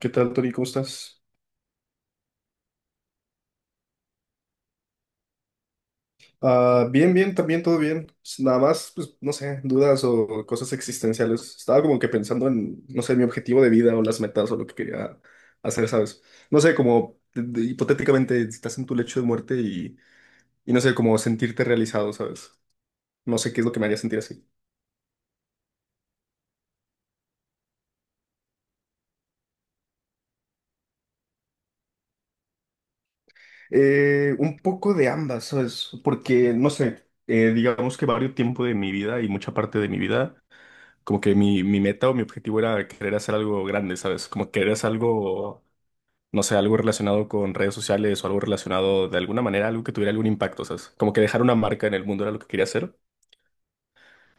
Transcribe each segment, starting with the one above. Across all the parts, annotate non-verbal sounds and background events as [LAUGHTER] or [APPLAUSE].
¿Qué tal, Tori? ¿Cómo estás? Ah, bien, bien, también todo bien. Pues, nada más, pues, no sé, dudas o cosas existenciales. Estaba como que pensando en, no sé, mi objetivo de vida o las metas o lo que quería hacer, ¿sabes? No sé, como hipotéticamente si estás en tu lecho de muerte y no sé, como sentirte realizado, ¿sabes? No sé qué es lo que me haría sentir así. Un poco de ambas, ¿sabes? Porque, no sé, digamos que varios tiempo de mi vida y mucha parte de mi vida. Como que mi meta o mi objetivo era querer hacer algo grande, ¿sabes? Como querer hacer algo, no sé, algo relacionado con redes sociales o algo relacionado de alguna manera, algo que tuviera algún impacto, ¿sabes? Como que dejar una marca en el mundo era lo que quería hacer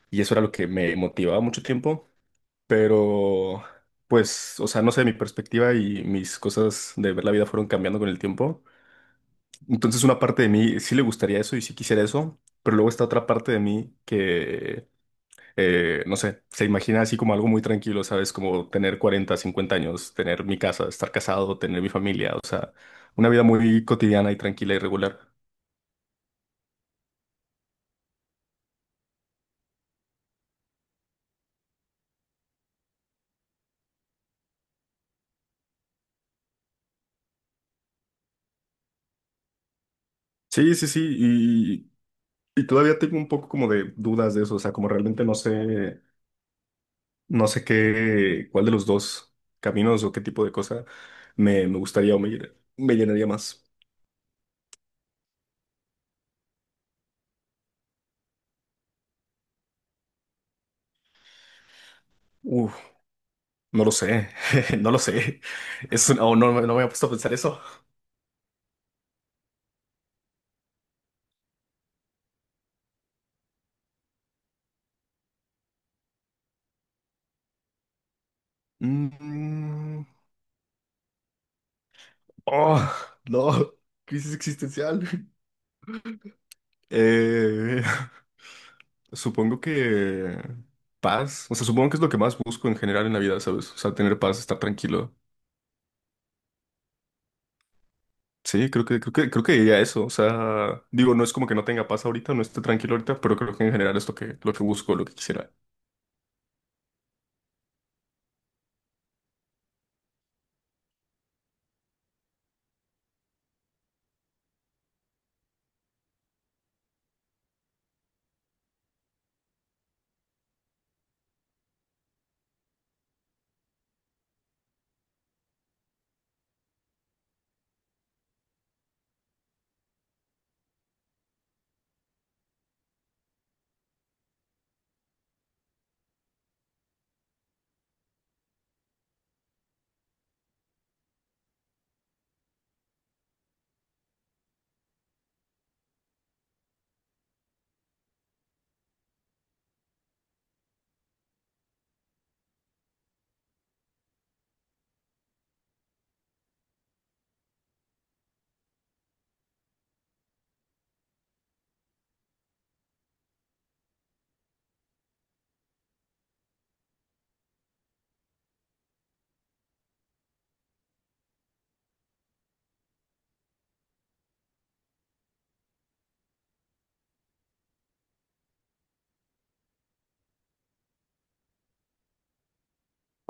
y eso era lo que me motivaba mucho tiempo, pero pues, o sea, no sé, mi perspectiva y mis cosas de ver la vida fueron cambiando con el tiempo. Entonces una parte de mí sí le gustaría eso y sí quisiera eso, pero luego está otra parte de mí que no sé, se imagina así como algo muy tranquilo, ¿sabes? Como tener 40, 50 años, tener mi casa, estar casado, tener mi familia, o sea, una vida muy cotidiana y tranquila y regular. Sí, sí, sí, y todavía tengo un poco como de dudas de eso, o sea, como realmente no sé, no sé qué, cuál de los dos caminos o qué tipo de cosa me gustaría o me, me llenaría más. Uf, no lo sé, [LAUGHS] no lo sé. O no, no me he puesto a pensar eso. Mm, oh, no, crisis existencial. [LAUGHS] Eh, [LAUGHS] supongo que paz, o sea, supongo que es lo que más busco en general en la vida, ¿sabes? O sea, tener paz, estar tranquilo. Sí, creo que diría eso. O sea, digo, no es como que no tenga paz ahorita, no esté tranquilo ahorita, pero creo que en general es lo que busco, lo que quisiera.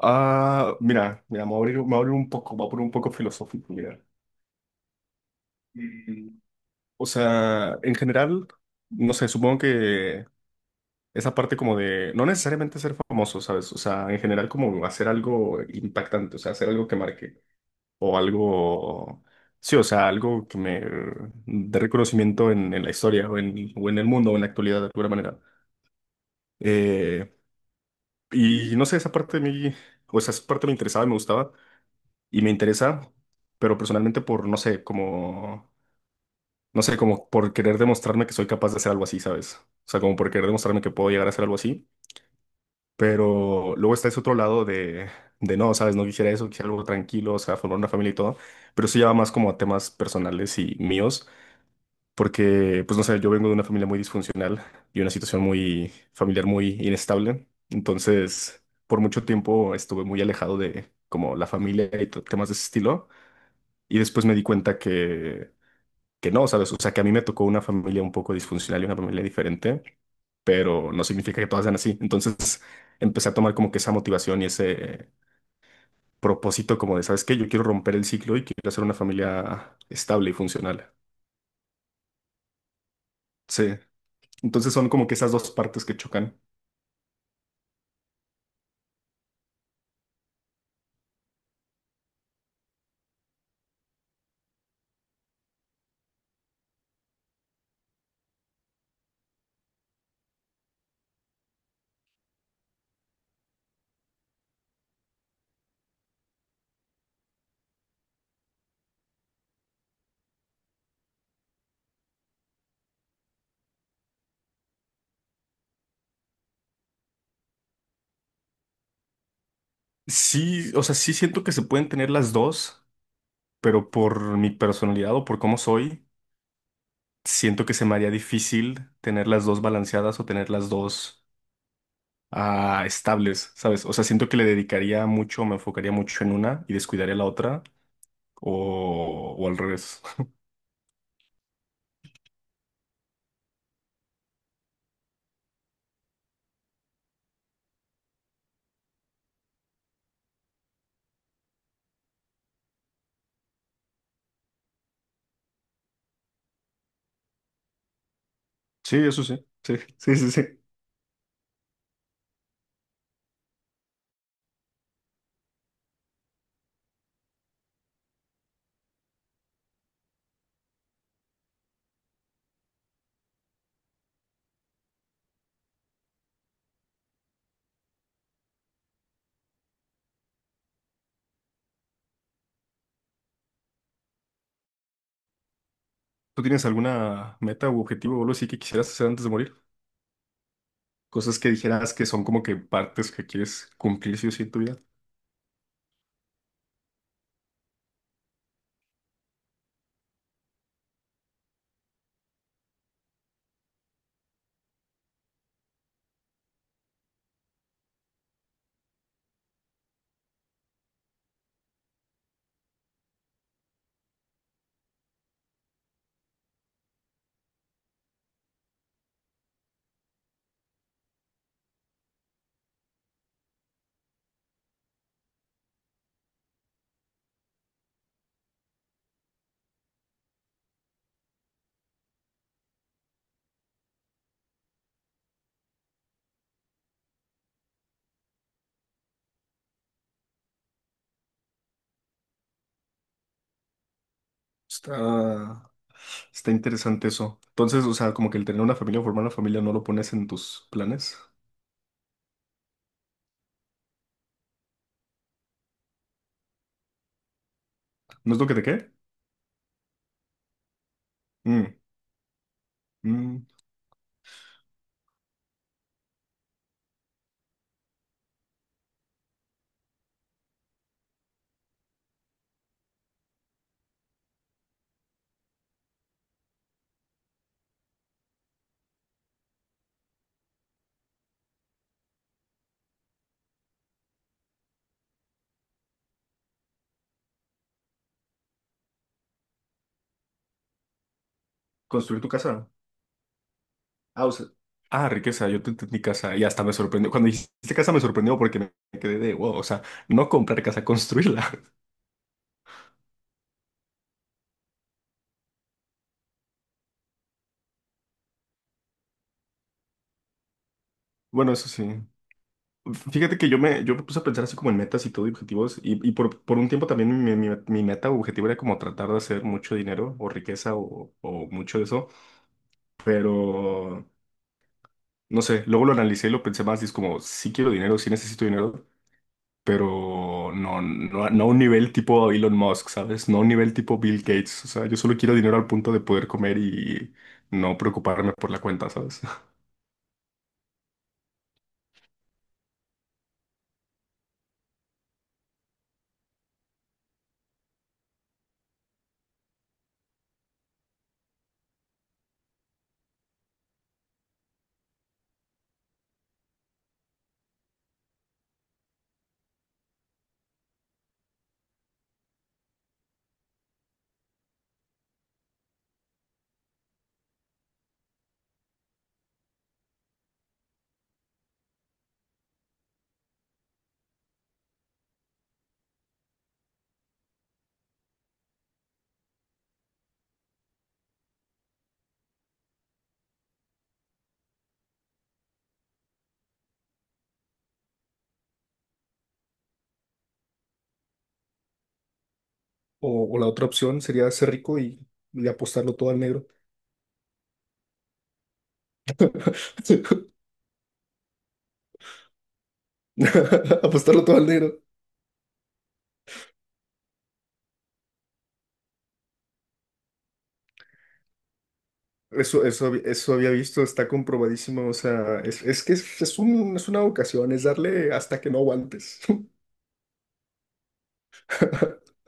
Ah, mira, mira, me voy a abrir, me voy a abrir un poco, me voy a poner un poco filosófico, mira. Mm, o sea, en general, no sé, supongo que esa parte como de no necesariamente ser famoso, ¿sabes? O sea, en general como hacer algo impactante, o sea, hacer algo que marque o algo, sí, o sea, algo que me dé reconocimiento en la historia o en el mundo o en la actualidad de alguna manera. Eh, y no sé, esa parte de mí, o sea, esa parte me interesaba y me gustaba y me interesa, pero personalmente por, no sé, como... No sé, como por querer demostrarme que soy capaz de hacer algo así, ¿sabes? O sea, como por querer demostrarme que puedo llegar a hacer algo así. Pero luego está ese otro lado de no, ¿sabes? No quisiera eso, quisiera algo tranquilo, o sea, formar una familia y todo. Pero eso ya va más como a temas personales y míos, porque, pues no sé, yo vengo de una familia muy disfuncional y una situación muy familiar muy inestable. Entonces, por mucho tiempo estuve muy alejado de como la familia y temas de ese estilo. Y después me di cuenta que no, ¿sabes? O sea, que a mí me tocó una familia un poco disfuncional y una familia diferente pero no significa que todas sean así. Entonces empecé a tomar como que esa motivación y ese propósito como de, ¿sabes qué? Yo quiero romper el ciclo y quiero hacer una familia estable y funcional. Sí. Entonces son como que esas dos partes que chocan. Sí, o sea, sí siento que se pueden tener las dos, pero por mi personalidad o por cómo soy, siento que se me haría difícil tener las dos balanceadas o tener las dos estables, ¿sabes? O sea, siento que le dedicaría mucho, me enfocaría mucho en una y descuidaría la otra, o al revés. [LAUGHS] Sí, eso sí. Sí, sí, sí, sí. ¿Tú tienes alguna meta u objetivo o algo así que quisieras hacer antes de morir? Cosas que dijeras que son como que partes que quieres cumplir sí o sí en tu vida. Está, está interesante eso. Entonces, o sea, como que el tener una familia o formar una familia no lo pones en tus planes. ¿No es lo que te quede? Mm, mm. Construir tu casa. Ah, o sea- Ah, riqueza, yo te entendí casa y hasta me sorprendió. Cuando dijiste casa me sorprendió porque me quedé de wow, o sea, no comprar casa, construirla. [LAUGHS] Bueno, eso sí. Fíjate que yo me puse a pensar así como en metas y todo, y objetivos, y por un tiempo también mi meta o objetivo era como tratar de hacer mucho dinero o riqueza o mucho de eso, pero no sé, luego lo analicé y lo pensé más y es como, sí quiero dinero, sí necesito dinero, pero no, no, no a un nivel tipo Elon Musk, ¿sabes? No a un nivel tipo Bill Gates, o sea, yo solo quiero dinero al punto de poder comer y no preocuparme por la cuenta, ¿sabes? O la otra opción sería ser rico y apostarlo todo al negro. [LAUGHS] [LAUGHS] Apostarlo todo al negro. Eso, eso había visto, está comprobadísimo. O sea, es que es, es una vocación, es darle hasta que no aguantes. [LAUGHS]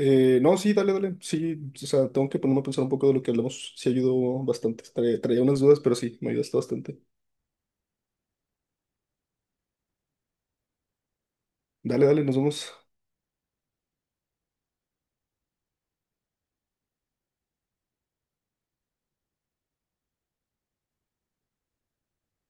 No, sí, dale, dale. Sí, o sea, tengo que ponerme a pensar un poco de lo que hablamos. Sí, ayudó bastante. Traía, unas dudas, pero sí, me ayudaste bastante. Dale, dale, nos vemos.